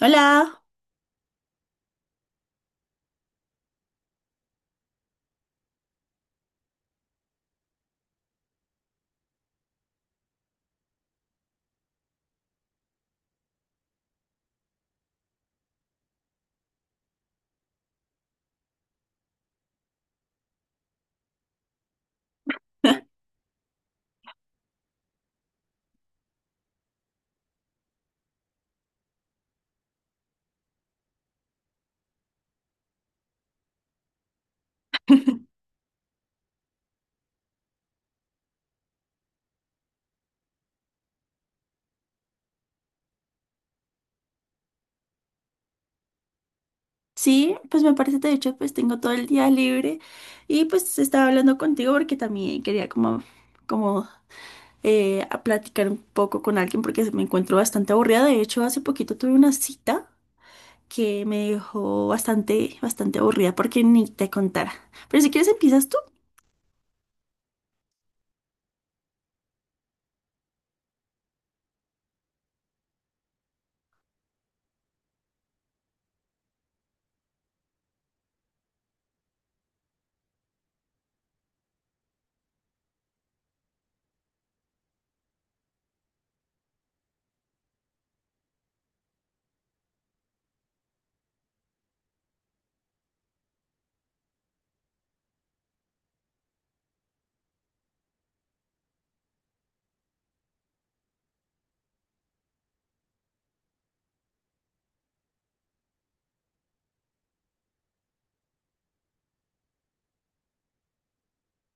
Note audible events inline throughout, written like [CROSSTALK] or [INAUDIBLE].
Hola. [LAUGHS] Sí, pues me parece, de hecho, pues tengo todo el día libre y pues estaba hablando contigo porque también quería como a platicar un poco con alguien porque me encuentro bastante aburrida. De hecho, hace poquito tuve una cita que me dejó bastante, bastante aburrida porque ni te contara. Pero si quieres empiezas tú.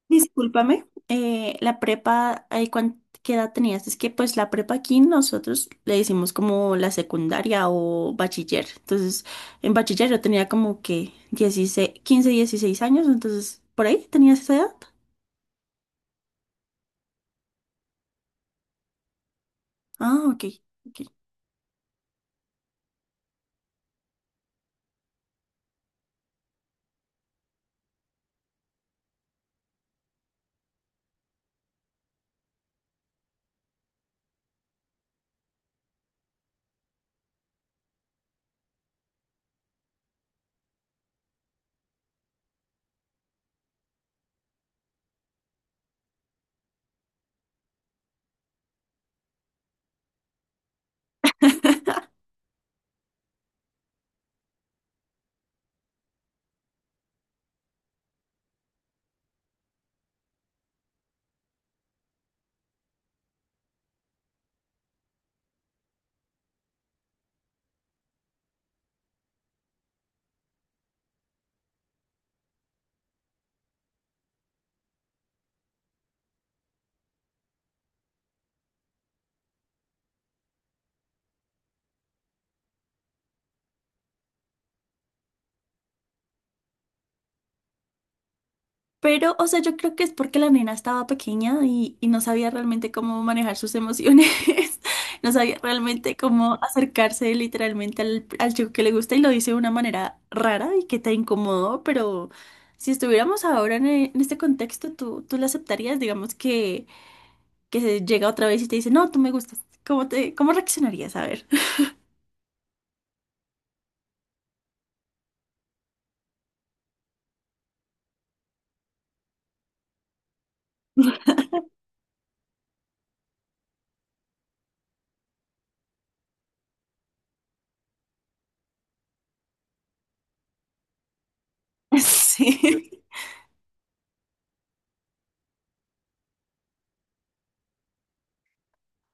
Discúlpame, la prepa, ¿qué edad tenías? Es que pues la prepa aquí nosotros le decimos como la secundaria o bachiller. Entonces, en bachiller yo tenía como que 16, 15, 16 años, entonces, ¿por ahí tenías esa edad? Ah, ok, ok. [LAUGHS] Pero, o sea, yo creo que es porque la nena estaba pequeña y no sabía realmente cómo manejar sus emociones. [LAUGHS] No sabía realmente cómo acercarse literalmente al chico que le gusta y lo hice de una manera rara y que te incomodó, pero si estuviéramos ahora en este contexto, ¿tú la aceptarías? Digamos que, se llega otra vez y te dice, no, tú me gustas. ¿Cómo te, cómo reaccionarías? A ver. [LAUGHS] Sí.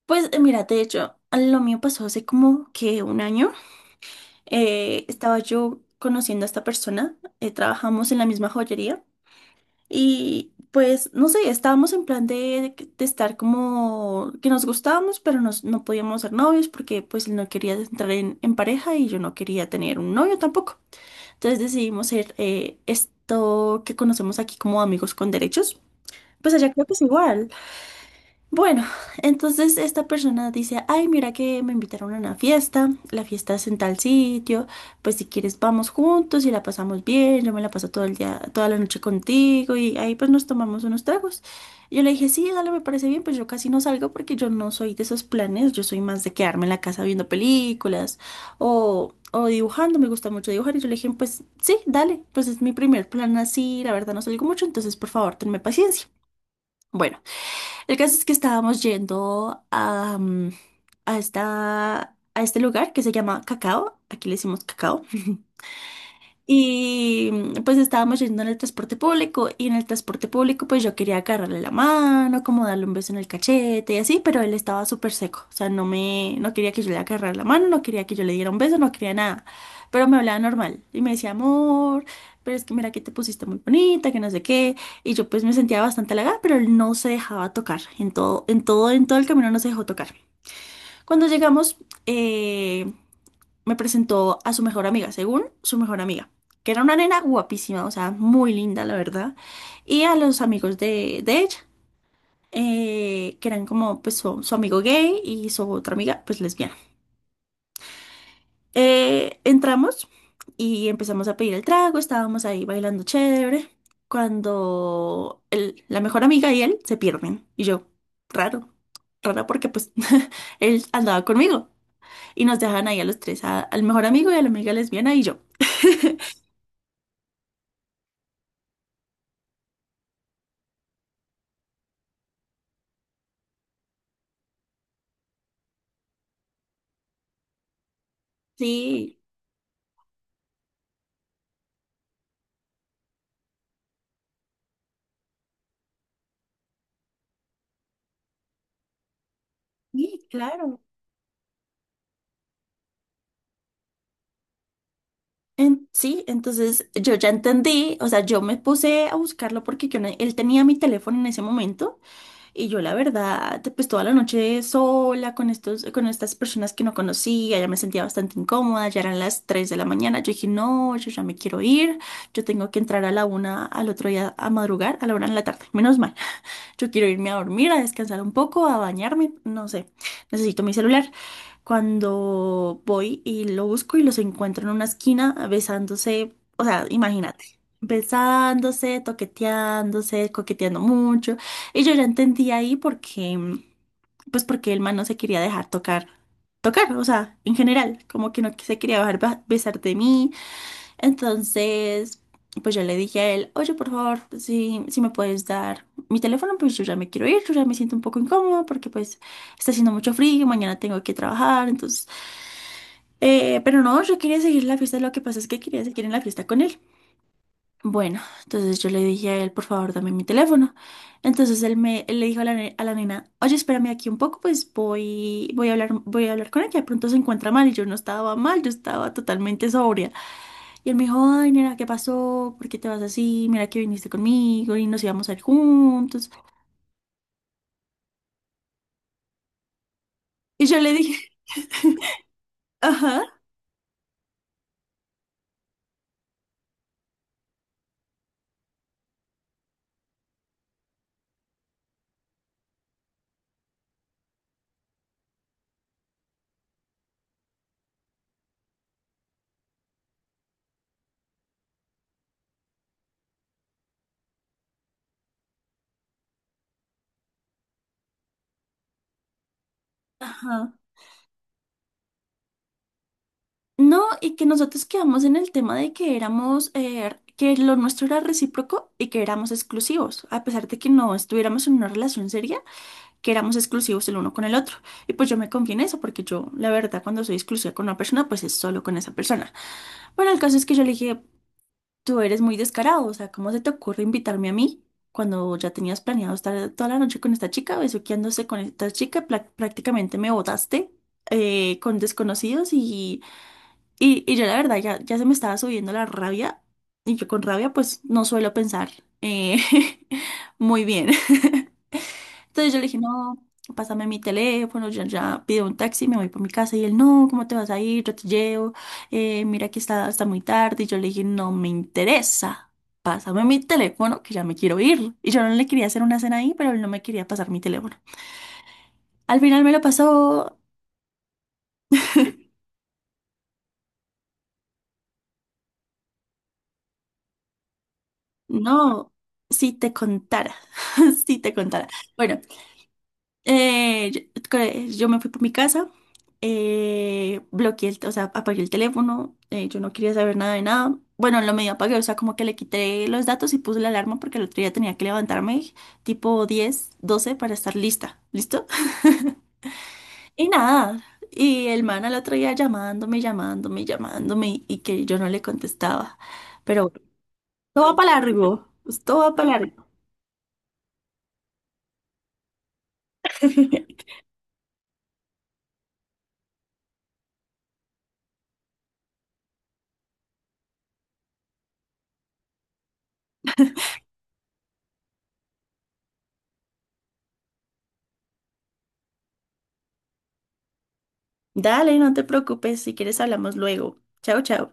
Pues mira, de hecho, lo mío pasó hace como que un año. Estaba yo conociendo a esta persona, trabajamos en la misma joyería y pues no sé, estábamos en plan de estar como que nos gustábamos, pero no podíamos ser novios porque pues él no quería entrar en pareja y yo no quería tener un novio tampoco. Entonces decidimos ser esto que conocemos aquí como amigos con derechos. Pues allá creo que es igual. Bueno, entonces esta persona dice, ay, mira que me invitaron a una fiesta, la fiesta es en tal sitio, pues si quieres vamos juntos y la pasamos bien, yo me la paso todo el día, toda la noche contigo y ahí pues nos tomamos unos tragos. Yo le dije, sí, dale, me parece bien, pues yo casi no salgo porque yo no soy de esos planes, yo soy más de quedarme en la casa viendo películas o dibujando, me gusta mucho dibujar y yo le dije, pues sí, dale, pues es mi primer plan así, la verdad no salgo mucho, entonces por favor, tenme paciencia. Bueno. El caso es que estábamos yendo a, mm, a, esta, a este lugar que se llama Cacao. Aquí le decimos Cacao. [LAUGHS] Y pues estábamos yendo en el transporte público y en el transporte público pues yo quería agarrarle la mano, como darle un beso en el cachete y así, pero él estaba súper seco, o sea, no quería que yo le agarrara la mano, no quería que yo le diera un beso, no quería nada, pero me hablaba normal y me decía, amor, pero es que mira que te pusiste muy bonita, que no sé qué, y yo pues me sentía bastante halagada, pero él no se dejaba tocar, en todo, en todo, en todo el camino no se dejó tocar. Cuando llegamos, eh, me presentó a su mejor amiga, según su mejor amiga, que era una nena guapísima, o sea, muy linda, la verdad, y a los amigos de ella, que eran como pues su amigo gay y su otra amiga, pues lesbiana. Entramos y empezamos a pedir el trago, estábamos ahí bailando chévere, cuando la mejor amiga y él se pierden, y yo, raro. Raro porque pues [LAUGHS] él andaba conmigo y nos dejan ahí a los tres, a- al mejor amigo y a la amiga lesbiana y yo. Sí, sí, claro. Sí, entonces yo ya entendí, o sea, yo me puse a buscarlo porque yo no- él tenía mi teléfono en ese momento y yo la verdad, pues toda la noche sola con estos, con estas personas que no conocía, ya me sentía bastante incómoda, ya eran las 3 de la mañana, yo dije, no, yo ya me quiero ir, yo tengo que entrar a la 1 al otro día a madrugar, a la 1 de la tarde, menos mal. Yo quiero irme a dormir, a descansar un poco, a bañarme, no sé, necesito mi celular. Cuando voy y lo busco y los encuentro en una esquina besándose, o sea, imagínate, besándose, toqueteándose, coqueteando mucho. Y yo ya entendí ahí porque pues porque el man no se quería dejar tocar, tocar, o sea, en general, como que no se quería dejar besar de mí. Entonces, pues yo le dije a él, oye, por favor, si me puedes dar mi teléfono, pues yo ya me quiero ir, yo ya me siento un poco incómodo porque pues está haciendo mucho frío, mañana tengo que trabajar, entonces, pero no, yo quería seguir la fiesta, lo que pasa es que quería seguir en la fiesta con él. Bueno, entonces yo le dije a él, por favor, dame mi teléfono. Entonces él le dijo a la, a la nena, oye, espérame aquí un poco, pues voy a hablar con ella. De pronto se encuentra mal y yo no estaba mal, yo estaba totalmente sobria. Y él me dijo, ay, nena, ¿qué pasó? ¿Por qué te vas así? Mira que viniste conmigo y nos íbamos a ir juntos. Y yo le dije, [LAUGHS] ajá, ajá. No, y que nosotros quedamos en el tema de que que lo nuestro era recíproco y que éramos exclusivos, a pesar de que no estuviéramos en una relación seria, que éramos exclusivos el uno con el otro. Y pues yo me confié en eso, porque yo, la verdad, cuando soy exclusiva con una persona, pues es solo con esa persona. Bueno, el caso es que yo le dije, tú eres muy descarado, o sea, ¿cómo se te ocurre invitarme a mí cuando ya tenías planeado estar toda la noche con esta chica, besuqueándose con esta chica? Pla- prácticamente me botaste con desconocidos y, y yo la verdad ya, se me estaba subiendo la rabia y yo con rabia pues no suelo pensar eh, [LAUGHS] muy bien. Entonces yo le dije, no, pásame mi teléfono, ya pido un taxi, me voy para mi casa. Y él, no, ¿cómo te vas a ir? Yo te llevo, mira que está hasta muy tarde. Y yo le dije, no me interesa, pásame mi teléfono, que ya me quiero ir. Y yo no le quería hacer una cena ahí, pero él no me quería pasar mi teléfono. Al final me lo pasó, no, si te contara, [LAUGHS] si te contara. Bueno, Eh, yo, yo me fui por mi casa, o sea, apagué el teléfono, yo no quería saber nada de nada. Bueno, en lo medio apagué, o sea, como que le quité los datos y puse la alarma porque el otro día tenía que levantarme tipo 10, 12 para estar lista, ¿listo? Y nada, y el man al otro día llamándome, llamándome, llamándome y que yo no le contestaba. Pero bueno, todo va para largo, todo va para largo. [LAUGHS] Dale, no te preocupes, si quieres hablamos luego. Chao, chao.